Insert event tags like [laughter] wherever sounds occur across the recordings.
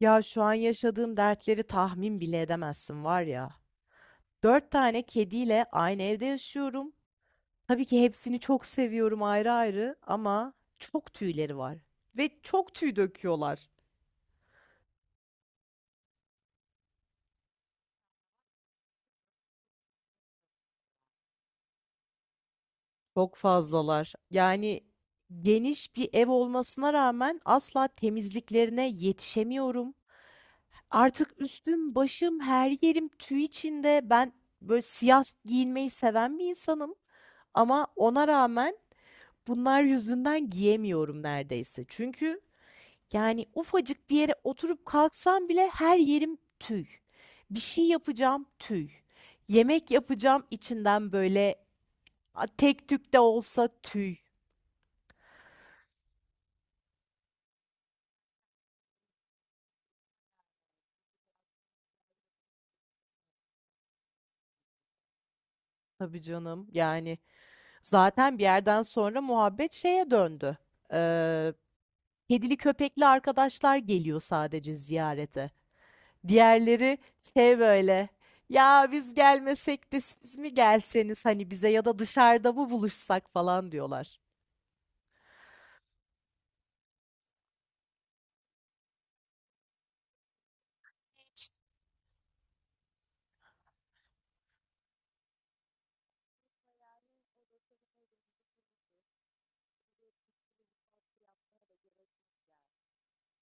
Ya şu an yaşadığım dertleri tahmin bile edemezsin var ya. Dört tane kediyle aynı evde yaşıyorum. Tabii ki hepsini çok seviyorum ayrı ayrı ama çok tüyleri var. Ve çok tüy döküyorlar. Çok fazlalar. Yani geniş bir ev olmasına rağmen asla temizliklerine yetişemiyorum. Artık üstüm, başım, her yerim tüy içinde. Ben böyle siyah giyinmeyi seven bir insanım. Ama ona rağmen bunlar yüzünden giyemiyorum neredeyse. Çünkü yani ufacık bir yere oturup kalksam bile her yerim tüy. Bir şey yapacağım tüy. Yemek yapacağım içinden böyle a, tek tük de olsa tüy. Tabii canım yani zaten bir yerden sonra muhabbet şeye döndü. Ee, Kedili köpekli arkadaşlar geliyor sadece ziyarete. Diğerleri şey böyle. Ya biz gelmesek de siz mi gelseniz hani bize ya da dışarıda mı buluşsak falan diyorlar.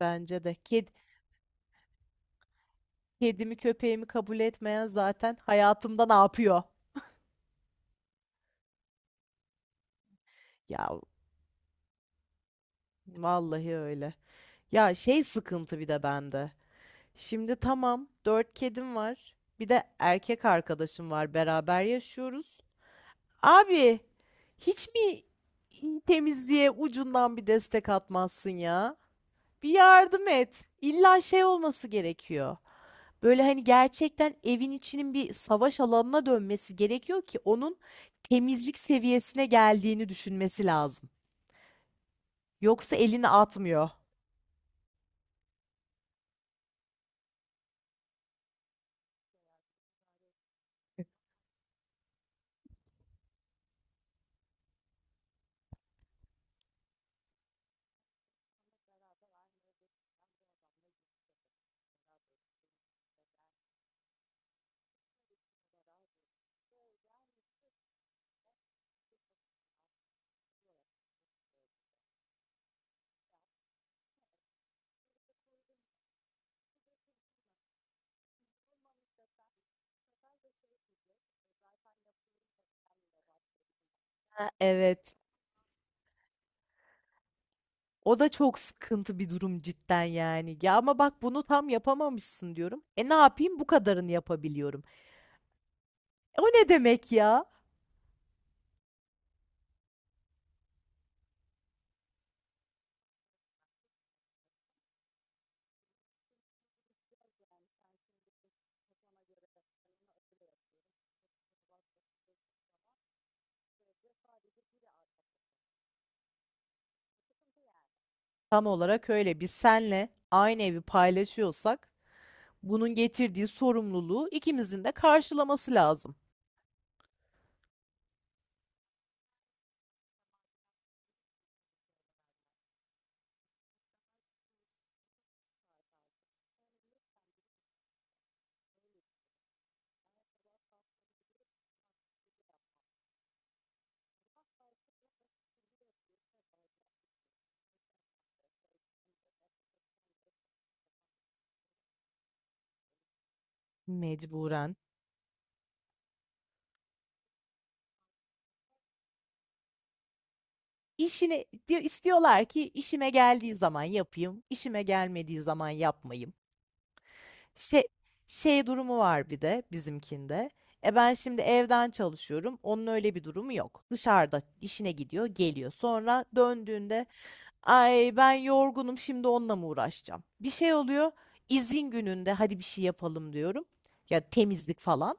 Bence de. Kedimi köpeğimi kabul etmeyen zaten hayatımda ne yapıyor? Ya vallahi öyle. Ya şey sıkıntı bir de bende. Şimdi tamam dört kedim var. Bir de erkek arkadaşım var. Beraber yaşıyoruz. Abi hiç mi temizliğe ucundan bir destek atmazsın ya? Bir yardım et. İlla şey olması gerekiyor. Böyle hani gerçekten evin içinin bir savaş alanına dönmesi gerekiyor ki onun temizlik seviyesine geldiğini düşünmesi lazım. Yoksa elini atmıyor. [laughs] Ha, evet. O da çok sıkıntı bir durum cidden yani. Ya ama bak bunu tam yapamamışsın diyorum. E ne yapayım? Bu kadarını yapabiliyorum. E o ne demek ya? Tam olarak öyle. Biz senle aynı evi paylaşıyorsak bunun getirdiği sorumluluğu ikimizin de karşılaması lazım. Mecburen. İşini di istiyorlar ki işime geldiği zaman yapayım, işime gelmediği zaman yapmayayım. Şey Şey durumu var bir de bizimkinde. E ben şimdi evden çalışıyorum. Onun öyle bir durumu yok. Dışarıda işine gidiyor, geliyor. Sonra döndüğünde ay ben yorgunum şimdi onunla mı uğraşacağım? Bir şey oluyor. İzin gününde hadi bir şey yapalım diyorum. Ya temizlik falan.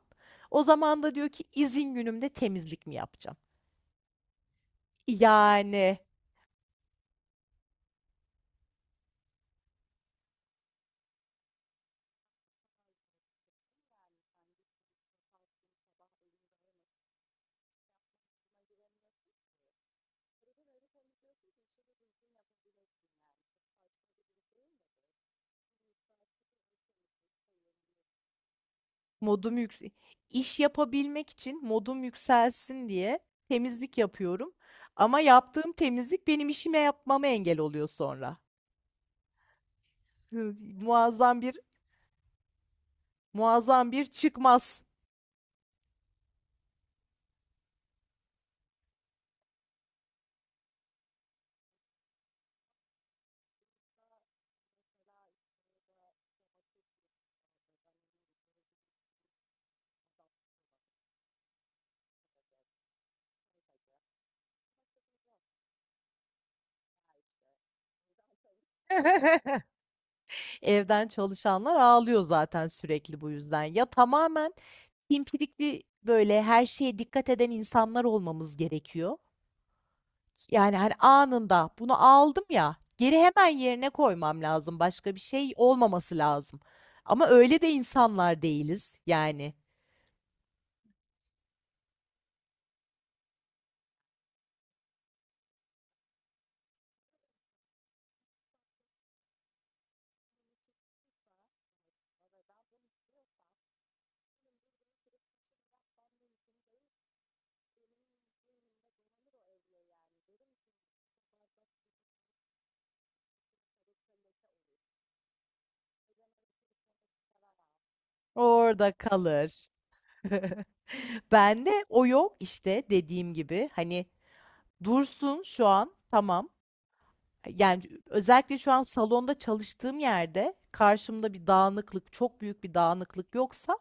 O zaman da diyor ki izin günümde temizlik mi yapacağım? Yani modum yüksek. İş yapabilmek için modum yükselsin diye temizlik yapıyorum. Ama yaptığım temizlik benim işime yapmama engel oluyor sonra. Hı, muazzam bir çıkmaz. [laughs] Evden çalışanlar ağlıyor zaten sürekli bu yüzden. Ya tamamen pimpirikli böyle her şeye dikkat eden insanlar olmamız gerekiyor. Yani, hani, anında bunu aldım ya, geri hemen yerine koymam lazım. Başka bir şey olmaması lazım. Ama öyle de insanlar değiliz. Yani, orada kalır. [laughs] Bende o yok. İşte dediğim gibi, hani, dursun şu an, tamam. Yani özellikle şu an salonda çalıştığım yerde karşımda bir dağınıklık, çok büyük bir dağınıklık yoksa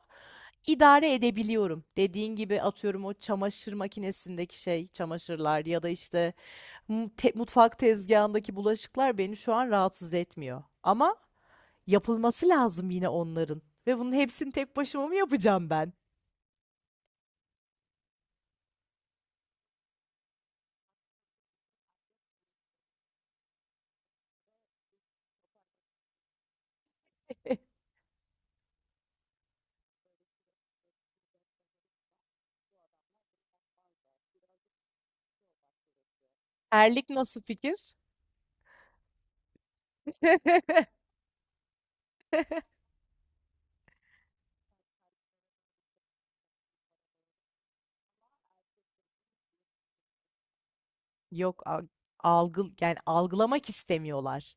idare edebiliyorum. Dediğin gibi atıyorum o çamaşır makinesindeki şey, çamaşırlar ya da işte mutfak tezgahındaki bulaşıklar beni şu an rahatsız etmiyor. Ama yapılması lazım yine onların. Ve bunun hepsini tek başıma mı yapacağım ben? Erlik nasıl fikir? [laughs] Yok, algı yani algılamak istemiyorlar.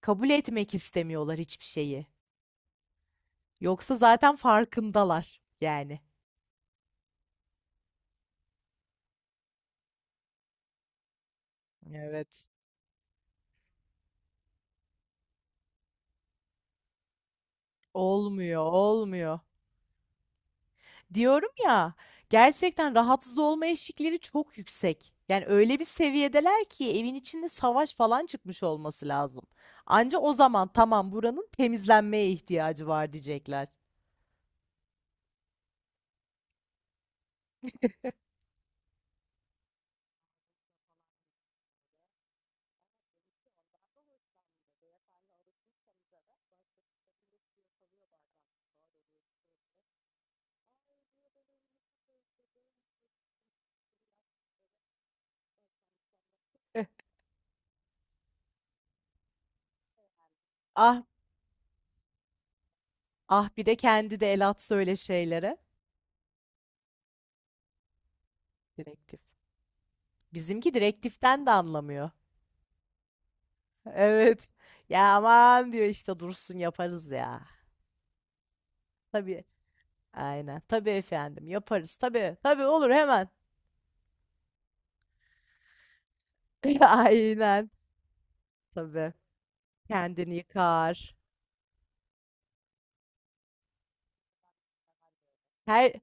Kabul etmek istemiyorlar hiçbir şeyi. Yoksa zaten farkındalar yani. Evet. Olmuyor, olmuyor. Diyorum ya, gerçekten rahatsız olma eşikleri çok yüksek. Yani öyle bir seviyedeler ki evin içinde savaş falan çıkmış olması lazım. Anca o zaman tamam buranın temizlenmeye ihtiyacı var diyecekler. Ah, ah bir de kendi de el atsa öyle şeylere. Direktif. Bizimki direktiften de anlamıyor. Evet. Ya aman diyor işte dursun yaparız ya. Tabii. Aynen. Tabii efendim yaparız. Tabii. Tabii olur hemen. [laughs] Aynen. Tabii. Kendini yıkar. Her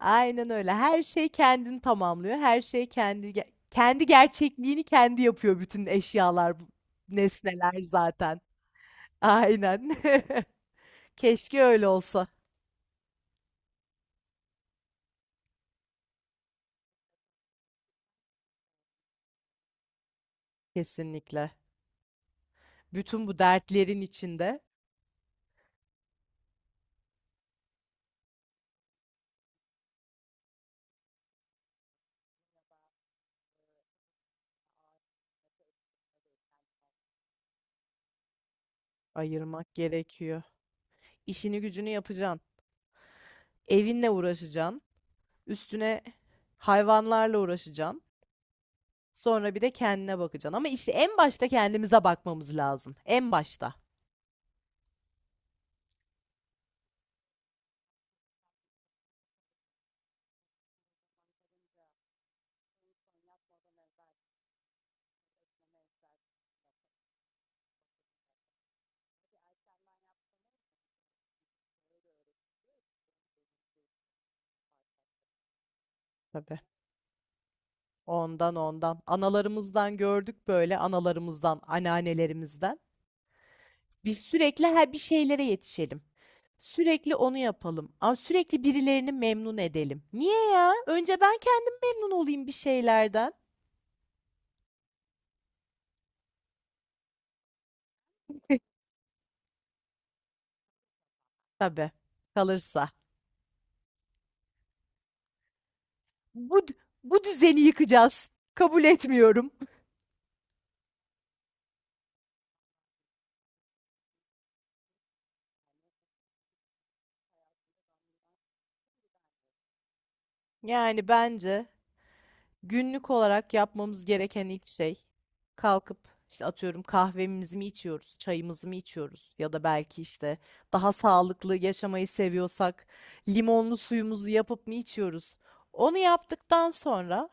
aynen öyle. Her şey kendini tamamlıyor. Her şey kendi gerçekliğini kendi yapıyor bütün eşyalar, nesneler zaten. Aynen. [laughs] Keşke öyle olsa. Kesinlikle. Bütün bu dertlerin içinde ayırmak gerekiyor. İşini gücünü yapacaksın. Evinle uğraşacaksın. Üstüne hayvanlarla uğraşacaksın. Sonra bir de kendine bakacaksın. Ama işte en başta kendimize bakmamız lazım. En başta. Tabii. Ondan ondan. Analarımızdan gördük böyle. Analarımızdan, anneannelerimizden. Biz sürekli her bir şeylere yetişelim. Sürekli onu yapalım. Ama sürekli birilerini memnun edelim. Niye ya? Önce ben kendim memnun olayım bir şeylerden. [laughs] Tabii. Kalırsa. Bu Bu düzeni yıkacağız. Kabul etmiyorum. Yani bence günlük olarak yapmamız gereken ilk şey kalkıp işte atıyorum kahvemizi mi içiyoruz, çayımızı mı içiyoruz ya da belki işte daha sağlıklı yaşamayı seviyorsak limonlu suyumuzu yapıp mı içiyoruz? Onu yaptıktan sonra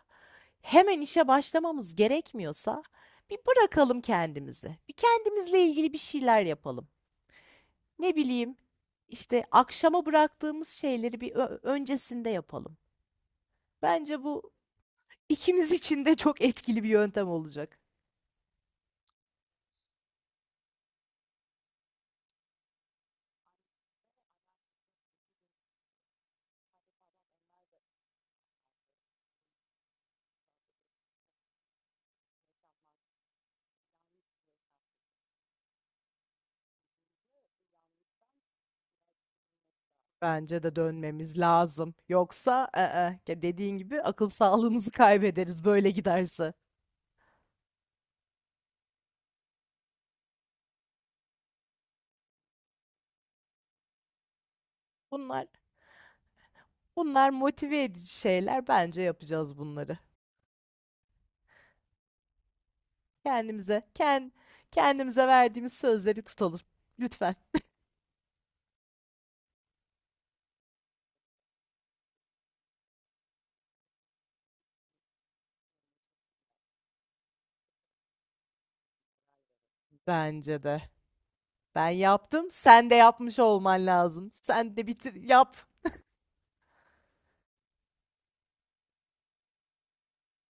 hemen işe başlamamız gerekmiyorsa bir bırakalım kendimizi. Bir kendimizle ilgili bir şeyler yapalım. Ne bileyim işte akşama bıraktığımız şeyleri bir öncesinde yapalım. Bence bu İkimiz için de çok etkili bir yöntem olacak. Bence de dönmemiz lazım. Yoksa ı-ı, ya dediğin gibi akıl sağlığımızı kaybederiz böyle giderse. Bunlar Bunlar motive edici şeyler. Bence yapacağız bunları. Kendimize kendimize verdiğimiz sözleri tutalım. Lütfen. Bence de. Ben yaptım. Sen de yapmış olman lazım. Sen de bitir yap.